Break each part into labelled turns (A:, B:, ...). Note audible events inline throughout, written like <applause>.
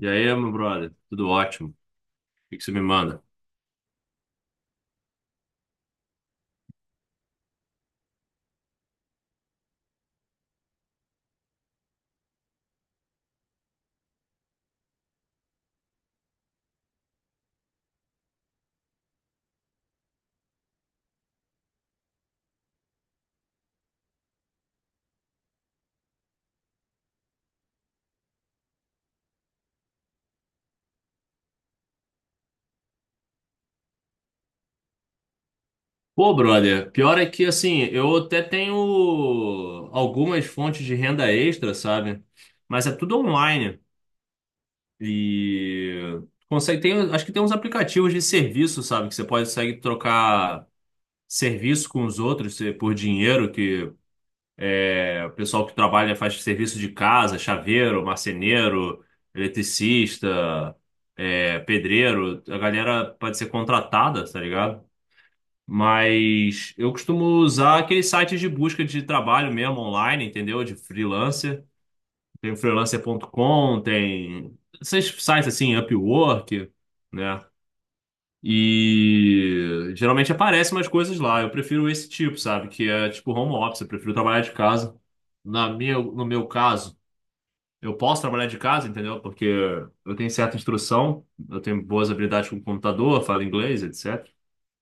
A: E aí, meu brother? Tudo ótimo. O que que você me manda? Pô, brother, pior é que, assim, eu até tenho algumas fontes de renda extra, sabe? Mas é tudo online. E consegue, tem, acho que tem uns aplicativos de serviço, sabe? Que você pode consegue trocar serviço com os outros por dinheiro, que é, o pessoal que trabalha faz serviço de casa, chaveiro, marceneiro, eletricista, pedreiro. A galera pode ser contratada, tá ligado? Mas eu costumo usar aqueles sites de busca de trabalho mesmo online, entendeu? De freelancer. Tem o freelancer.com, tem esses sites assim, Upwork, né? E geralmente aparecem umas coisas lá. Eu prefiro esse tipo, sabe? Que é tipo home office, eu prefiro trabalhar de casa. Na minha, no meu caso, eu posso trabalhar de casa, entendeu? Porque eu tenho certa instrução, eu tenho boas habilidades com o computador, falo inglês, etc. O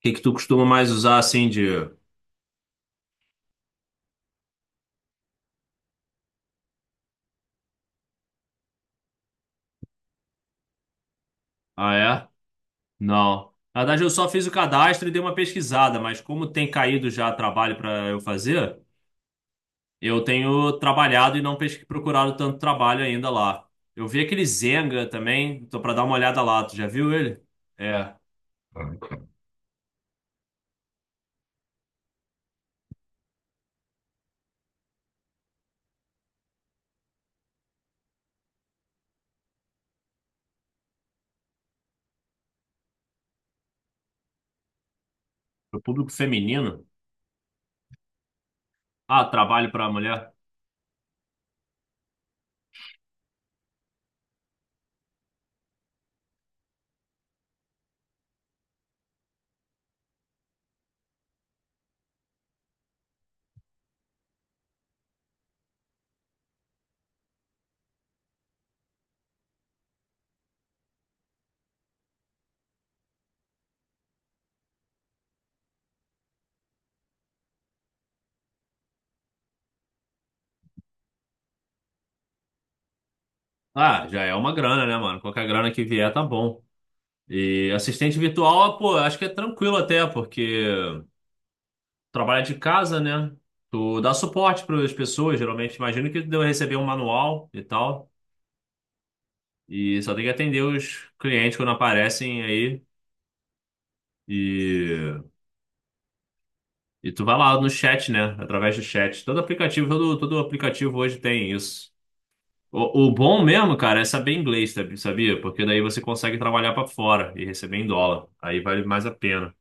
A: que que tu costuma mais usar assim de. Ah, é? Não. Na verdade, eu só fiz o cadastro e dei uma pesquisada, mas como tem caído já trabalho para eu fazer, eu tenho trabalhado e não procurado tanto trabalho ainda lá. Eu vi aquele Zenga também, tô para dar uma olhada lá. Tu já viu ele? É, pro público feminino. Ah, trabalho para mulher. Ah, já é uma grana, né, mano? Qualquer grana que vier tá bom. E assistente virtual, pô, acho que é tranquilo até, porque trabalha de casa, né? Tu dá suporte para as pessoas, geralmente. Imagino que tu deve receber um manual e tal. E só tem que atender os clientes quando aparecem aí. E, e tu vai lá no chat, né? Através do chat. Todo aplicativo, todo aplicativo hoje tem isso. O bom mesmo, cara, é saber inglês, sabia? Porque daí você consegue trabalhar para fora e receber em dólar. Aí vale mais a pena.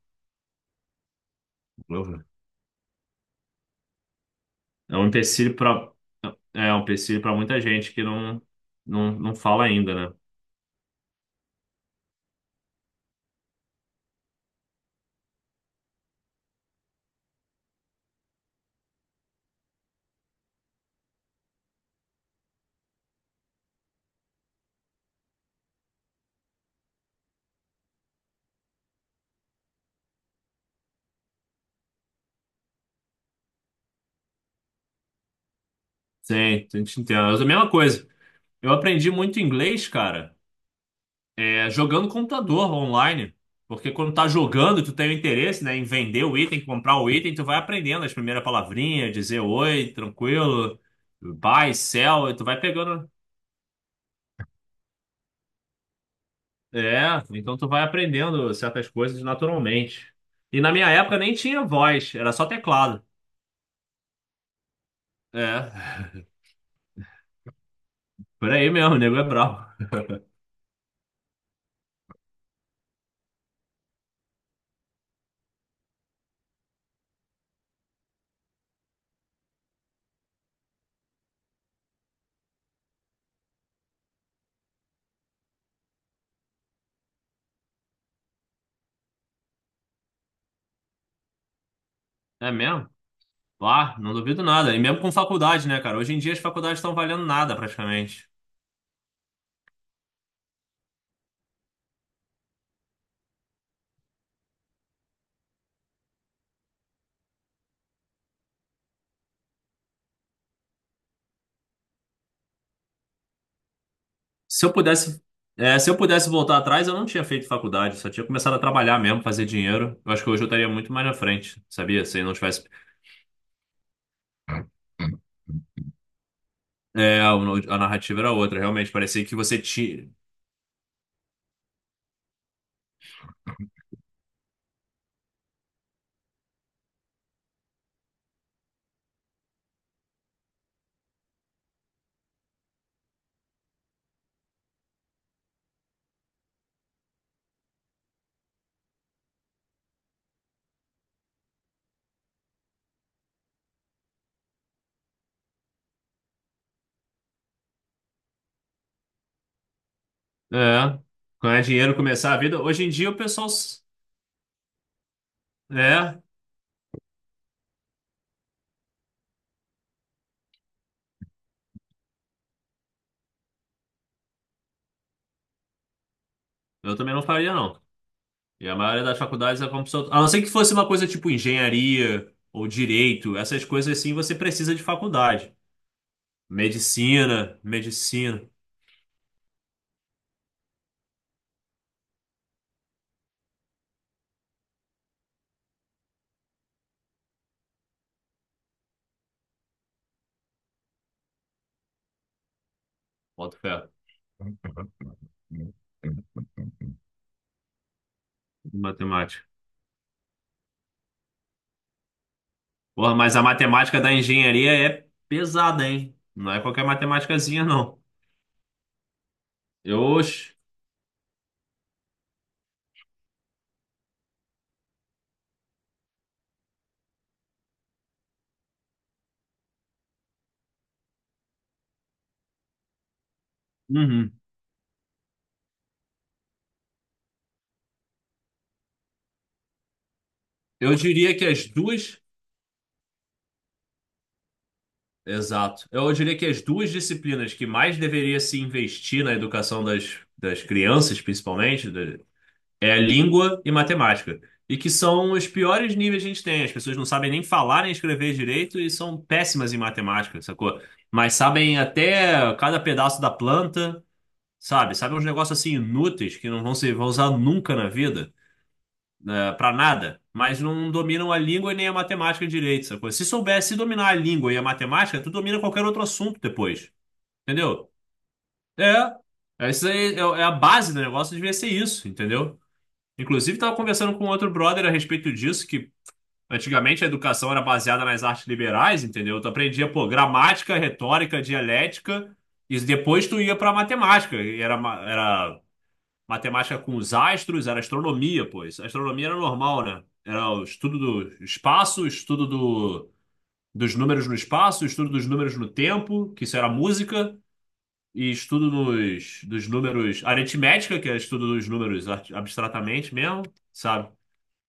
A: É um empecilho para é um empecilho para muita gente que não fala ainda, né? Sim, a gente entende. Mas é a mesma coisa. Eu aprendi muito inglês, cara, jogando computador online. Porque quando tá jogando, tu tem o interesse, né, em vender o item, comprar o item, tu vai aprendendo as primeiras palavrinhas, dizer oi, tranquilo, buy, sell, e tu vai pegando. É, então tu vai aprendendo certas coisas naturalmente. E na minha época nem tinha voz, era só teclado. É, <laughs> por aí mesmo, o nego é bravo. É mesmo? Ah, não duvido nada. E mesmo com faculdade, né, cara? Hoje em dia as faculdades estão valendo nada praticamente. Se eu pudesse, se eu pudesse voltar atrás, eu não tinha feito faculdade, só tinha começado a trabalhar mesmo, fazer dinheiro. Eu acho que hoje eu estaria muito mais na frente, sabia? Se não tivesse. É, a narrativa era outra, realmente. Parecia que você tinha. É, ganhar dinheiro, começar a vida. Hoje em dia o pessoal. É, eu também não faria, não. E a maioria das faculdades é como pessoal. A não ser que fosse uma coisa tipo engenharia ou direito, essas coisas assim você precisa de faculdade. Medicina, medicina. Boto fé. Matemática. Porra, mas a matemática da engenharia é pesada, hein? Não é qualquer matemáticazinha, não. Eu, uhum. Eu diria que as duas. Exato. Eu diria que as duas disciplinas que mais deveria se investir na educação das, das crianças, principalmente, é língua e matemática. E que são os piores níveis que a gente tem. As pessoas não sabem nem falar nem escrever direito e são péssimas em matemática, sacou? Mas sabem até cada pedaço da planta, sabe? Sabem uns negócios assim inúteis que não vão usar nunca na vida, né, pra nada. Mas não dominam a língua e nem a matemática direito, sacou? Se soubesse dominar a língua e a matemática, tu domina qualquer outro assunto depois, entendeu? É. Isso aí é a base do negócio, devia ser isso, entendeu? Inclusive, estava conversando com outro brother a respeito disso, que antigamente a educação era baseada nas artes liberais, entendeu? Tu aprendia, pô, gramática, retórica, dialética, e depois tu ia pra matemática. E era matemática com os astros, era astronomia, pô. Astronomia era normal, né? Era o estudo do espaço, o estudo dos números no espaço, o estudo dos números no tempo, que isso era música, e estudo dos números aritmética, que é estudo dos números abstratamente mesmo, sabe?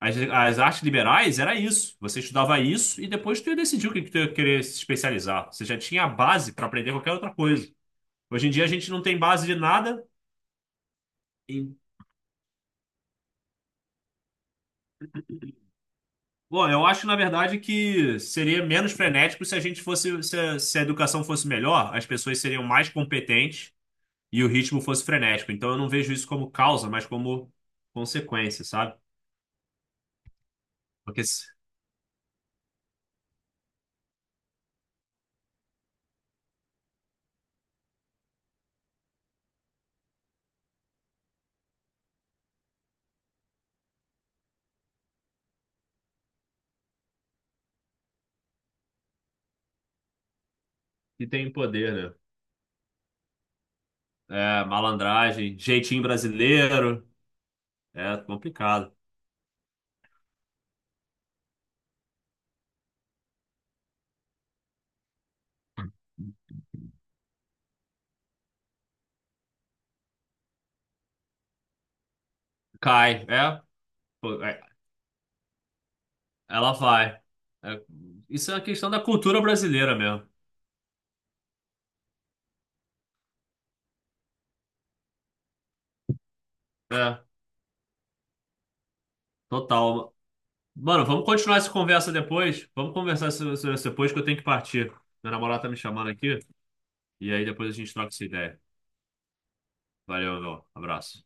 A: As artes liberais era isso. Você estudava isso e depois tu ia decidir o que, que tu ia querer se especializar. Você já tinha a base para aprender qualquer outra coisa. Hoje em dia a gente não tem base de nada. E, bom, eu acho, na verdade, que seria menos frenético se a gente fosse, se a educação fosse melhor, as pessoas seriam mais competentes e o ritmo fosse frenético. Então eu não vejo isso como causa, mas como consequência, sabe? Porque se tem poder, né? É, malandragem, jeitinho brasileiro, é complicado. Cai, é, pô, é, ela vai. É, isso é uma questão da cultura brasileira mesmo. É, total. Mano, vamos continuar essa conversa depois. Vamos conversar isso depois que eu tenho que partir. Meu namorado tá me chamando aqui. E aí depois a gente troca essa ideia. Valeu, meu. Abraço.